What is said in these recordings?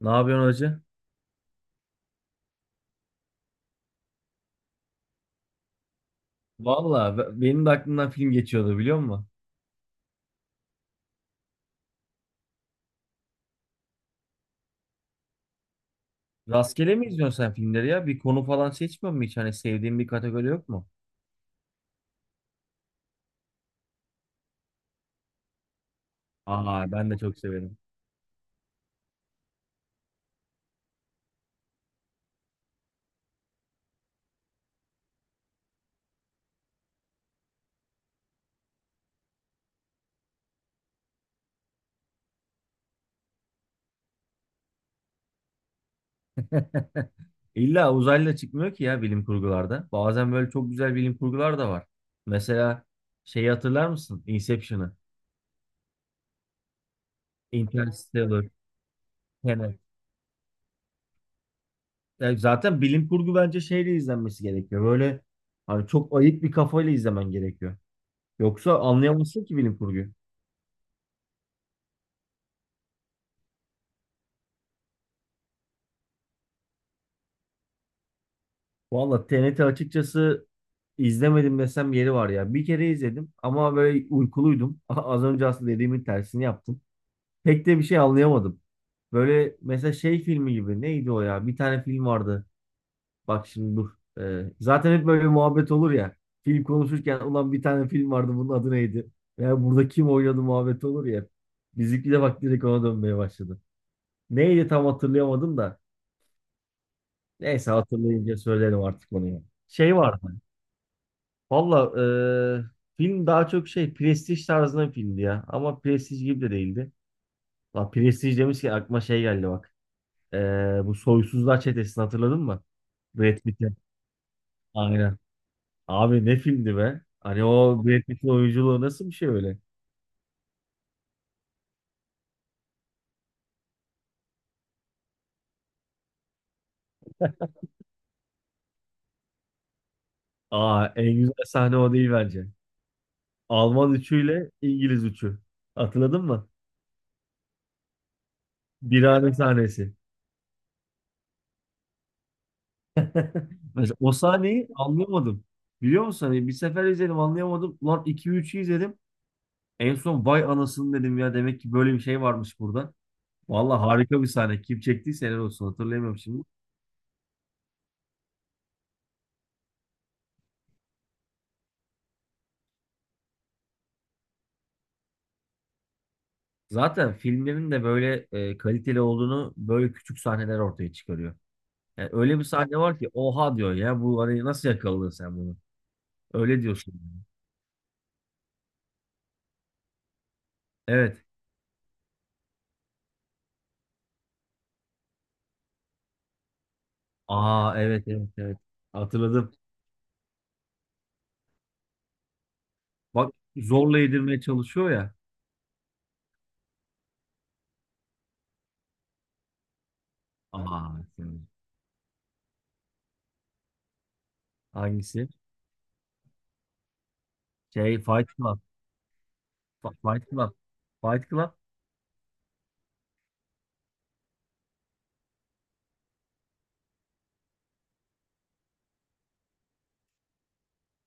Ne yapıyorsun hacı? Valla benim de aklımdan film geçiyordu biliyor musun? Rastgele mi izliyorsun sen filmleri ya? Bir konu falan seçmiyor musun hiç? Hani sevdiğin bir kategori yok mu? Aa ben de çok severim. İlla uzaylı da çıkmıyor ki ya bilim kurgularda. Bazen böyle çok güzel bilim kurgular da var. Mesela şeyi hatırlar mısın? Inception'ı. Interstellar. Tenet. Yani zaten bilim kurgu bence şeyle izlenmesi gerekiyor. Böyle hani çok ayık bir kafayla izlemen gerekiyor. Yoksa anlayamazsın ki bilim kurguyu. Valla TNT açıkçası izlemedim desem yeri var ya. Bir kere izledim ama böyle uykuluydum. Az önce aslında dediğimin tersini yaptım. Pek de bir şey anlayamadım. Böyle mesela şey filmi gibi neydi o ya? Bir tane film vardı. Bak şimdi dur. Zaten hep böyle muhabbet olur ya. Film konuşurken ulan bir tane film vardı bunun adı neydi? Ya burada kim oynadı muhabbet olur ya. Bizimki de bak direkt ona dönmeye başladı. Neydi tam hatırlayamadım da. Neyse hatırlayınca söylerim artık onu ya. Şey vardı. Valla e, film daha çok şey prestij tarzında bir filmdi ya. Ama prestij gibi de değildi. La prestij demiş ki aklıma şey geldi bak. E, bu Soysuzlar Çetesi'ni hatırladın mı? Brad Pitt'e. Aynen. Abi ne filmdi be? Hani o Brad Pitt'in oyunculuğu nasıl bir şey öyle? Aa en güzel sahne o değil bence. Alman üçüyle İngiliz üçü. Hatırladın mı? Birane sahnesi. Mesela o sahneyi anlayamadım. Biliyor musun? Hani bir sefer izledim anlayamadım. Lan iki 3ü izledim. En son vay anasını dedim ya demek ki böyle bir şey varmış burada. Vallahi harika bir sahne. Kim çektiyse helal olsun hatırlayamıyorum şimdi. Zaten filmlerin de böyle kaliteli olduğunu böyle küçük sahneler ortaya çıkarıyor. Yani öyle bir sahne var ki oha diyor ya bu hani nasıl yakaladın sen bunu? Öyle diyorsun yani. Evet. Aa evet evet evet. Hatırladım. Bak zorla yedirmeye çalışıyor ya. Aa evet. Hangisi? Şey Fight Club. Fa- Fight Club. Fight Club.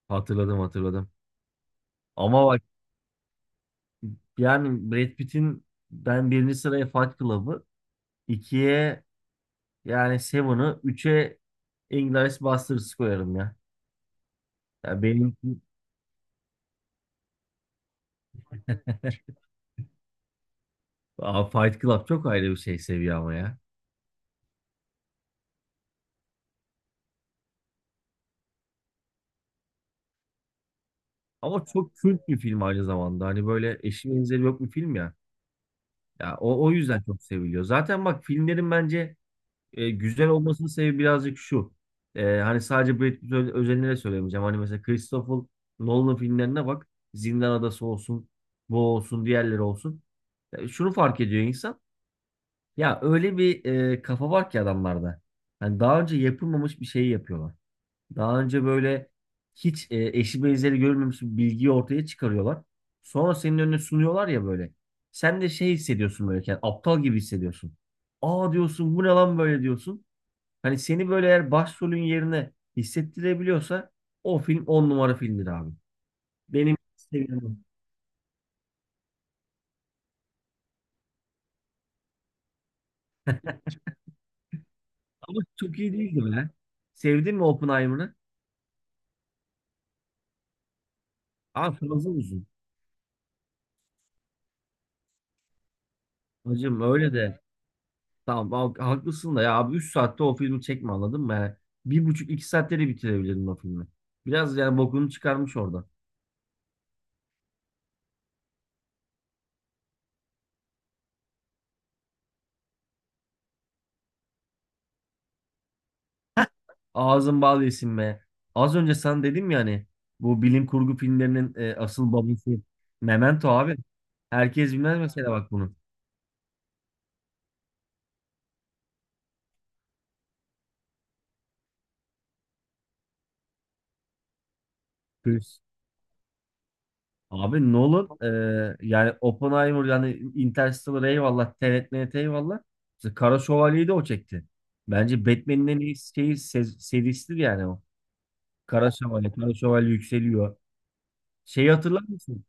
Hatırladım hatırladım. Ama bak. Yani Brad Pitt'in ben birinci sıraya Fight Club'ı, ikiye yani Seven'ı, üçe Inglourious Basterds'ı koyarım ya. Ya benim Aa, Fight Club çok ayrı bir şey seviye ama ya. Ama çok kült bir film aynı zamanda. Hani böyle eşi benzeri yok bir film ya. Ya o yüzden çok seviliyor. Zaten bak filmlerin bence güzel olmasının sebebi birazcık şu. Hani sadece Brad Pitt özelinde de söylemeyeceğim. Hani mesela Christopher Nolan filmlerine bak. Zindan Adası olsun, bu olsun, diğerleri olsun. Şunu fark ediyor insan. Ya öyle bir kafa var ki adamlarda. Hani daha önce yapılmamış bir şeyi yapıyorlar. Daha önce böyle hiç eşi benzeri görülmemiş bir bilgiyi ortaya çıkarıyorlar. Sonra senin önüne sunuyorlar ya böyle. Sen de şey hissediyorsun böyle. Yani aptal gibi hissediyorsun. Aa diyorsun bu ne lan böyle diyorsun. Hani seni böyle eğer başrolün yerine hissettirebiliyorsa o film on numara filmdir abi. Benim sevdiğim o. Ama çok iyi değildi be. Sevdin mi Oppenheimer'ı? Abi fazla uzun. Hacım öyle de. Tamam abi, haklısın da ya abi 3 saatte o filmi çekme anladın mı? Yani bir buçuk iki saatte de bitirebilirdin o filmi. Biraz yani bokunu çıkarmış orada. Ağzın bal yesin be. Az önce sen dedim ya hani bu bilim kurgu filmlerinin asıl babası Memento abi. Herkes bilmez mesela bak bunu. Abi Nolan yani Oppenheimer yani Interstellar eyvallah. Tenet eyvallah. İşte Kara Şövalye'yi de o çekti. Bence Batman'in en iyi şeyi, serisidir yani o. Kara Şövalye. Kara Şövalye yükseliyor. Şeyi hatırlar mısın?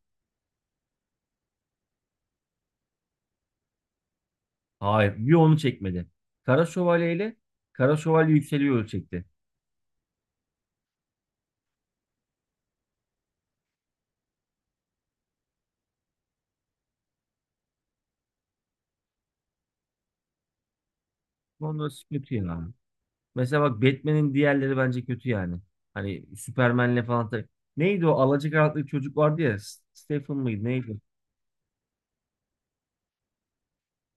Hayır. Bir onu çekmedi. Kara Şövalye ile Kara Şövalye yükseliyor çekti. Onları kötü yani. Mesela bak Batman'in diğerleri bence kötü yani. Hani Superman'le falan. Neydi o alacakaranlık çocuk vardı ya. Stephen mıydı neydi?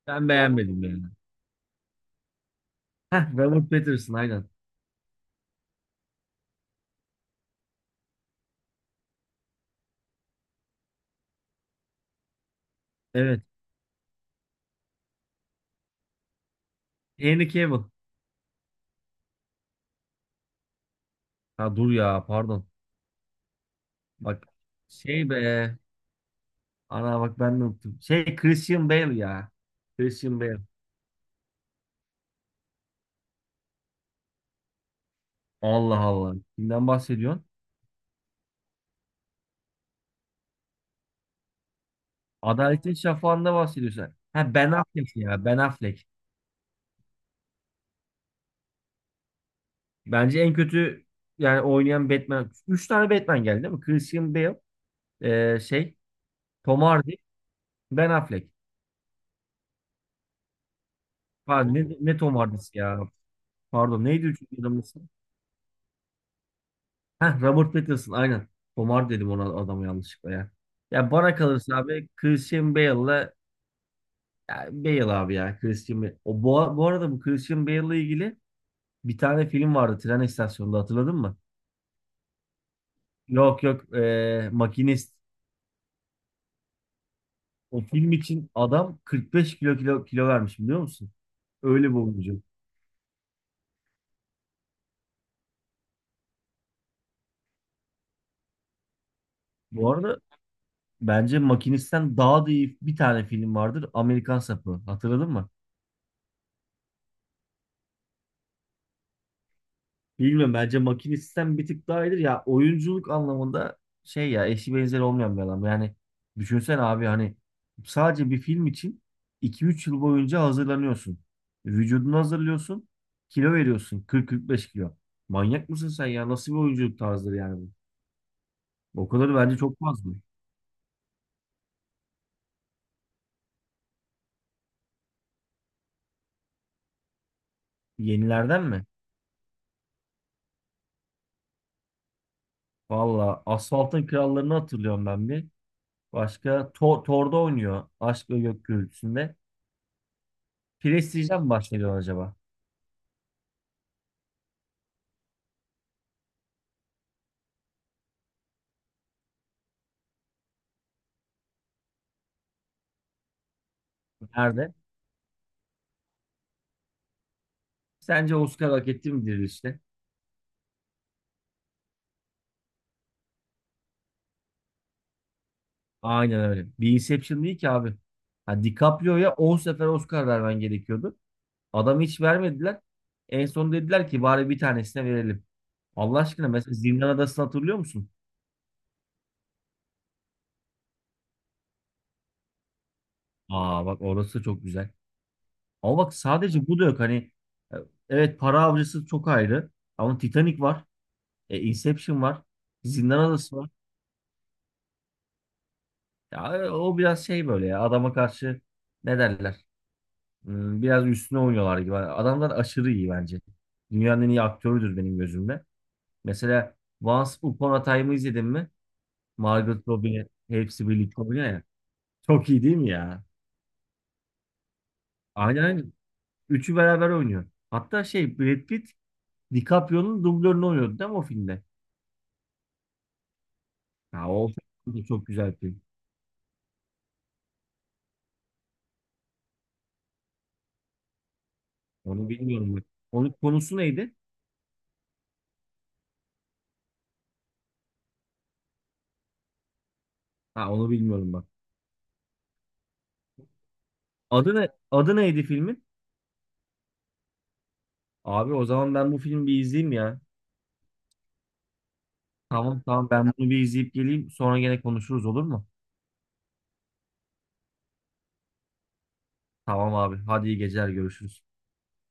Ben beğenmedim yani. Heh, Robert Pattinson aynen. Evet. Henry Cavill. Ha dur ya pardon. Bak şey be. Ana bak ben de unuttum. Şey Christian Bale ya. Christian Bale. Allah Allah. Kimden bahsediyorsun? Adaletin Şafağı'nda bahsediyorsun. Ha Ben Affleck ya. Ben Affleck. Bence en kötü yani oynayan Batman. Üç tane Batman geldi değil mi? Christian Bale. Şey. Tom Hardy. Ben Affleck. Pardon, ne Tom Hardy'si ya? Pardon neydi üçüncü adamın ismi? Heh, Robert Pattinson aynen. Komar dedim ona adamı yanlışlıkla ya. Ya bana kalırsa abi Christian Bale'la ya Bale abi ya Christian Bale. Bu arada bu Christian Bale'la ilgili bir tane film vardı tren istasyonunda hatırladın mı? Yok yok Makinist. O film için adam 45 kilo vermiş biliyor musun? Öyle bir oyuncu. Bu arada bence Makinist'ten daha da iyi bir tane film vardır. Amerikan Sapı. Hatırladın mı? Bilmiyorum bence makine sistem bir tık daha iyidir. Ya oyunculuk anlamında şey ya eşi benzeri olmayan bir adam. Yani düşünsen abi hani sadece bir film için iki üç yıl boyunca hazırlanıyorsun. Vücudunu hazırlıyorsun. Kilo veriyorsun. Kırk beş kilo. Manyak mısın sen ya? Nasıl bir oyunculuk tarzıdır yani bu? O kadar bence çok fazla. Yenilerden mi? Valla Asfalt'ın Krallarını hatırlıyorum ben bir. Başka Tor Tor'da oynuyor. Aşk ve Gök Gürültüsü'nde. Prestige'den mi bahsediyorsun acaba? Nerede? Sence Oscar hak etti midir işte? Aynen öyle. Bir Inception değil ki abi. Ha, DiCaprio'ya 10 sefer Oscar vermen gerekiyordu. Adam hiç vermediler. En son dediler ki bari bir tanesine verelim. Allah aşkına mesela Zindan Adası'nı hatırlıyor musun? Aa bak orası çok güzel. Ama bak sadece bu da yok. Hani e, evet para avcısı çok ayrı. Ama Titanic var. Inception var. Zindan Adası var. Ya, o biraz şey böyle ya adama karşı ne derler? Biraz üstüne oynuyorlar gibi. Adamlar aşırı iyi bence. Dünyanın en iyi aktörüdür benim gözümde. Mesela Once Upon a Time'ı izledin mi? Margot Robbie hepsi birlikte oynuyor ya. Çok iyi değil mi ya? Aynen aynen. Üçü beraber oynuyor. Hatta şey Brad Pitt DiCaprio'nun dublörünü oynuyordu değil mi o filmde? Ha, o film de çok güzel film. Onu bilmiyorum bak. Onun konusu neydi? Ha onu bilmiyorum bak. Adı ne? Adı neydi filmin? Abi o zaman ben bu filmi bir izleyeyim ya. Tamam tamam ben bunu bir izleyip geleyim. Sonra gene konuşuruz olur mu? Tamam abi. Hadi iyi geceler görüşürüz.